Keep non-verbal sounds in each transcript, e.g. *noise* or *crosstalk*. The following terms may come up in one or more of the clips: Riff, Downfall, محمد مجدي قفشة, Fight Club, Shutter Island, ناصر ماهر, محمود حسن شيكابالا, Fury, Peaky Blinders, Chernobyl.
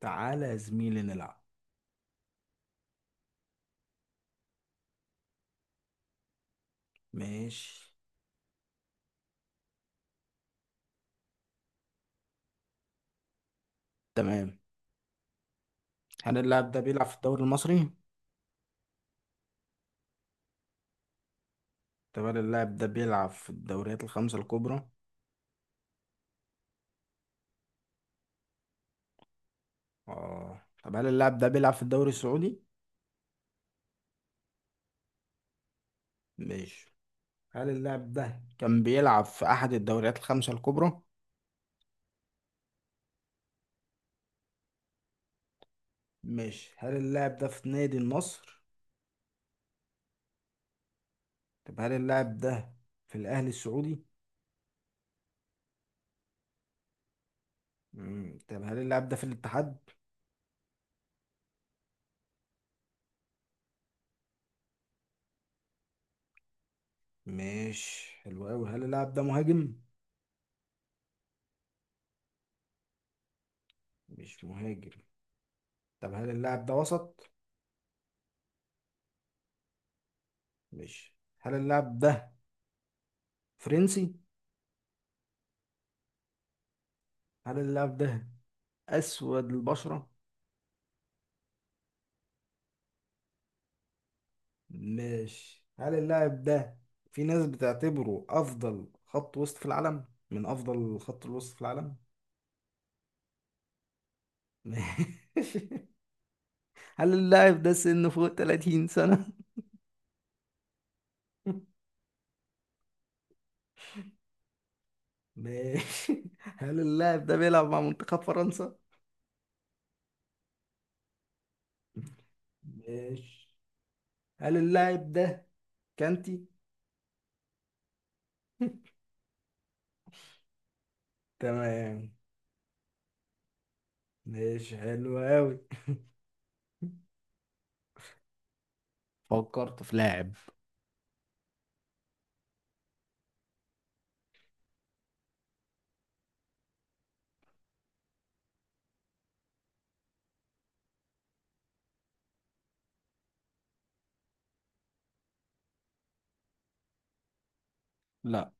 تعالى يا زميلي نلعب. ماشي. تمام. هل اللاعب ده بيلعب في الدوري المصري؟ طب هل اللاعب ده بيلعب في الدوريات الخمسة الكبرى؟ اه طب هل اللاعب ده بيلعب في الدوري السعودي؟ ماشي. هل اللاعب ده كان بيلعب في أحد الدوريات الخمسة الكبرى؟ ماشي. هل اللاعب ده في نادي النصر؟ طب هل اللاعب ده في الأهلي السعودي؟ مم. طب هل اللاعب ده في الاتحاد؟ ماشي، حلو أوي. هل اللاعب ده مهاجم؟ مش مهاجم. طب هل اللاعب ده وسط؟ ماشي. هل اللاعب ده فرنسي؟ هل اللاعب ده أسود البشرة؟ ماشي. هل اللاعب ده في ناس بتعتبره أفضل خط وسط في العالم، من أفضل خط الوسط في العالم؟ ماشي. *laughs* هل اللاعب ده سنه فوق 30 سنة؟ *laughs* ماشي. هل اللاعب ده بيلعب مع منتخب فرنسا؟ ماشي. هل اللاعب ده كانتي؟ *laughs* تمام. ماشي، حلو أوي. فكرت في لاعب. لا.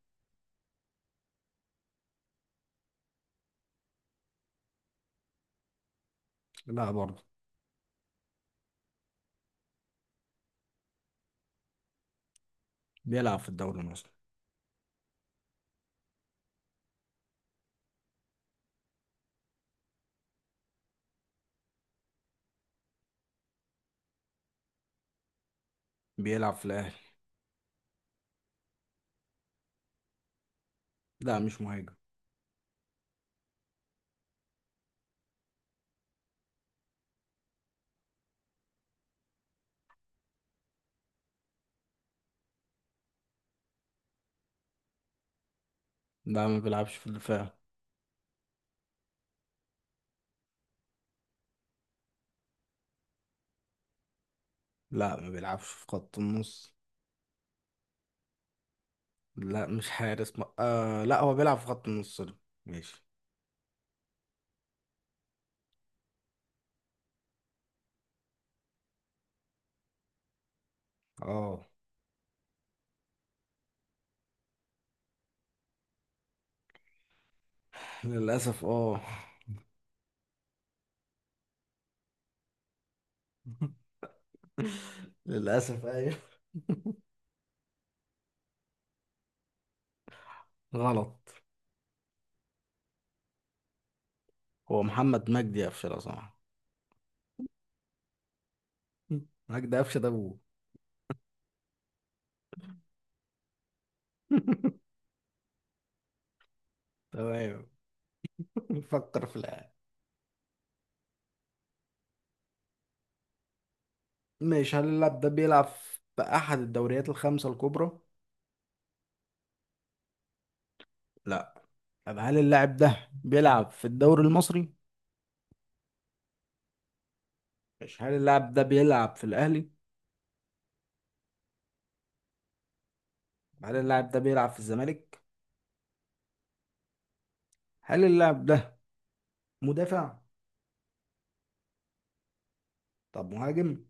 لا برضه. بيلعب في الدوري المصري. بيلعب في الأهلي. لا، مش مهاجم. لا، ما بيلعبش في الدفاع. لا، ما بيلعبش في خط النص. لا مش حارس م... آه لا، هو بيلعب في خط النص ده. ماشي. اه للأسف اه. *laughs* للأسف ايوه. غلط. هو محمد مجدي قفشة لو سمحت. *laughs* مجدي قفشة ده ابوه. *laughs* تمام. *laughs* نفكر في اللاعب. ماشي. هل اللاعب ده بيلعب في أحد الدوريات الخمسة الكبرى؟ لا. طب هل اللاعب ده بيلعب في الدوري المصري؟ ماشي. هل اللاعب ده بيلعب في الاهلي؟ هل اللاعب ده بيلعب في الزمالك؟ هل اللاعب ده مدافع؟ طب مهاجم؟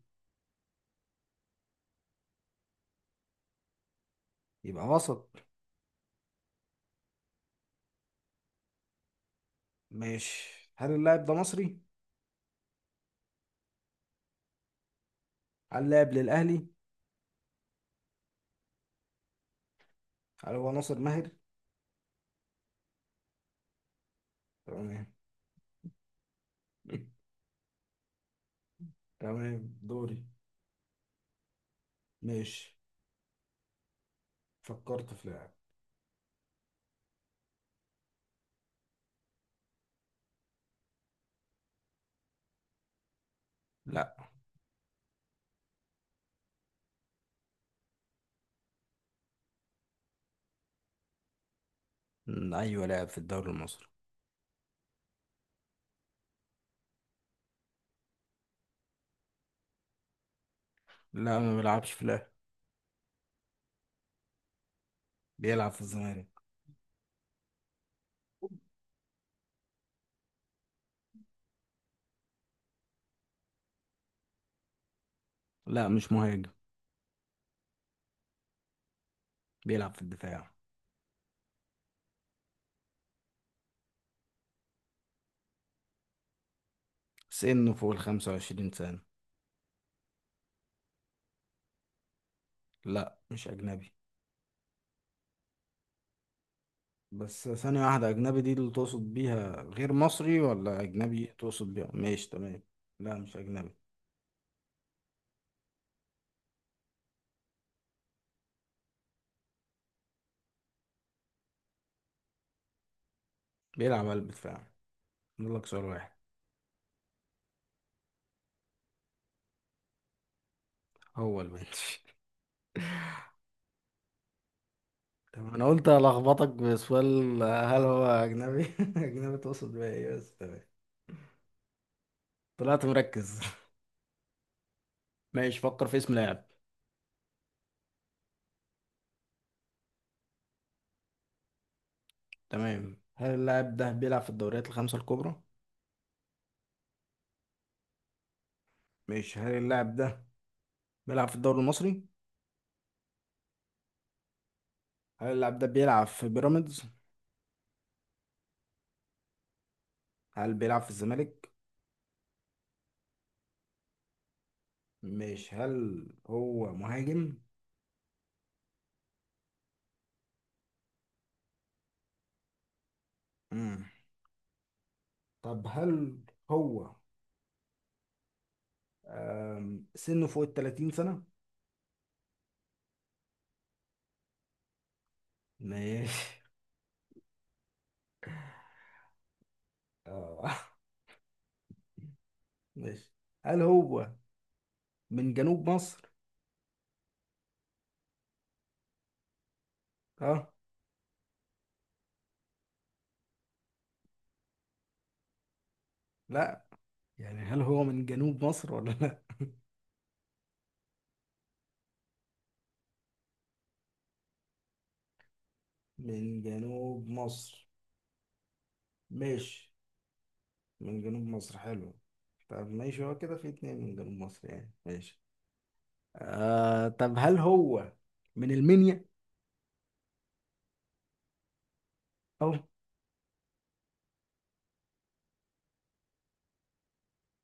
يبقى وسط. ماشي. هل اللاعب ده مصري؟ هل لاعب للاهلي؟ هل هو ناصر ماهر؟ تمام. *laughs* تمام، دوري. ماشي. فكرت في لاعب. لا. ايوه لاعب في الدوري المصري. لا، ما بيلعبش في الاهلي. بيلعب في الزمالك. لا مش مهاجم. بيلعب في الدفاع. سنه فوق ال 25 سنة. لا مش أجنبي. بس ثانية واحدة، أجنبي دي اللي تقصد بيها غير مصري، ولا أجنبي تقصد بيها ماشي؟ تمام. لا مش أجنبي. بيلعب قلب دفاع. نقول لك سؤال واحد. هو البنش. *laughs* تمام، أنا قلت ألخبطك بسؤال. هل هو أجنبي؟ *laughs* أجنبي تقصد بيها إيه بس؟ تمام، طلعت مركز. *laughs* ماشي، فكر في اسم لاعب. تمام. هل اللاعب ده بيلعب في الدوريات الخمسة الكبرى؟ ماشي. هل اللاعب ده بيلعب في الدوري المصري؟ هل اللاعب ده بيلعب في بيراميدز؟ هل بيلعب في الزمالك؟ ماشي. هل هو مهاجم؟ امم طب هل هو سنه فوق ال 30 سنة؟ ماشي. اه. *laughs* ماشي. هل هو من جنوب مصر؟ اه. لا، يعني هل هو من جنوب مصر ولا لا؟ من جنوب مصر. ماشي. من جنوب مصر، حلو. طب ماشي، هو كده في اتنين من جنوب مصر يعني. ماشي. آه طب هل هو من المنيا؟ اه.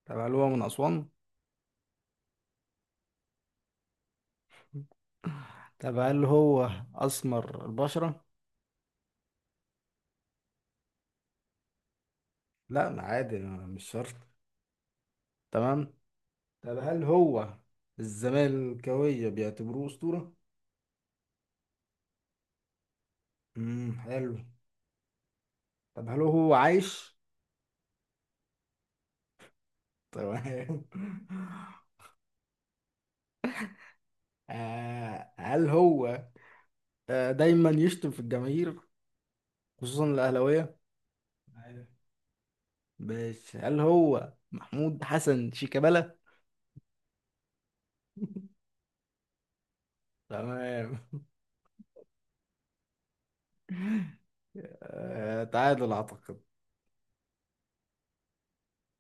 طب هل هو من أسوان؟ طب هل هو أسمر البشرة؟ لا، ما عادي، مش شرط. تمام. طب هل هو الزمالكاوية بيعتبروه أسطورة؟ امم، حلو. طب هل هو عايش؟ تمام. *laughs* آه هل هو آه دايما يشتم في الجماهير، خصوصا الأهلاوية؟ أيوة. ماشي. هل هو محمود حسن شيكابالا؟ تمام. آه تعادل أعتقد.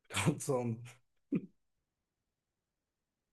*laughs* خلصان.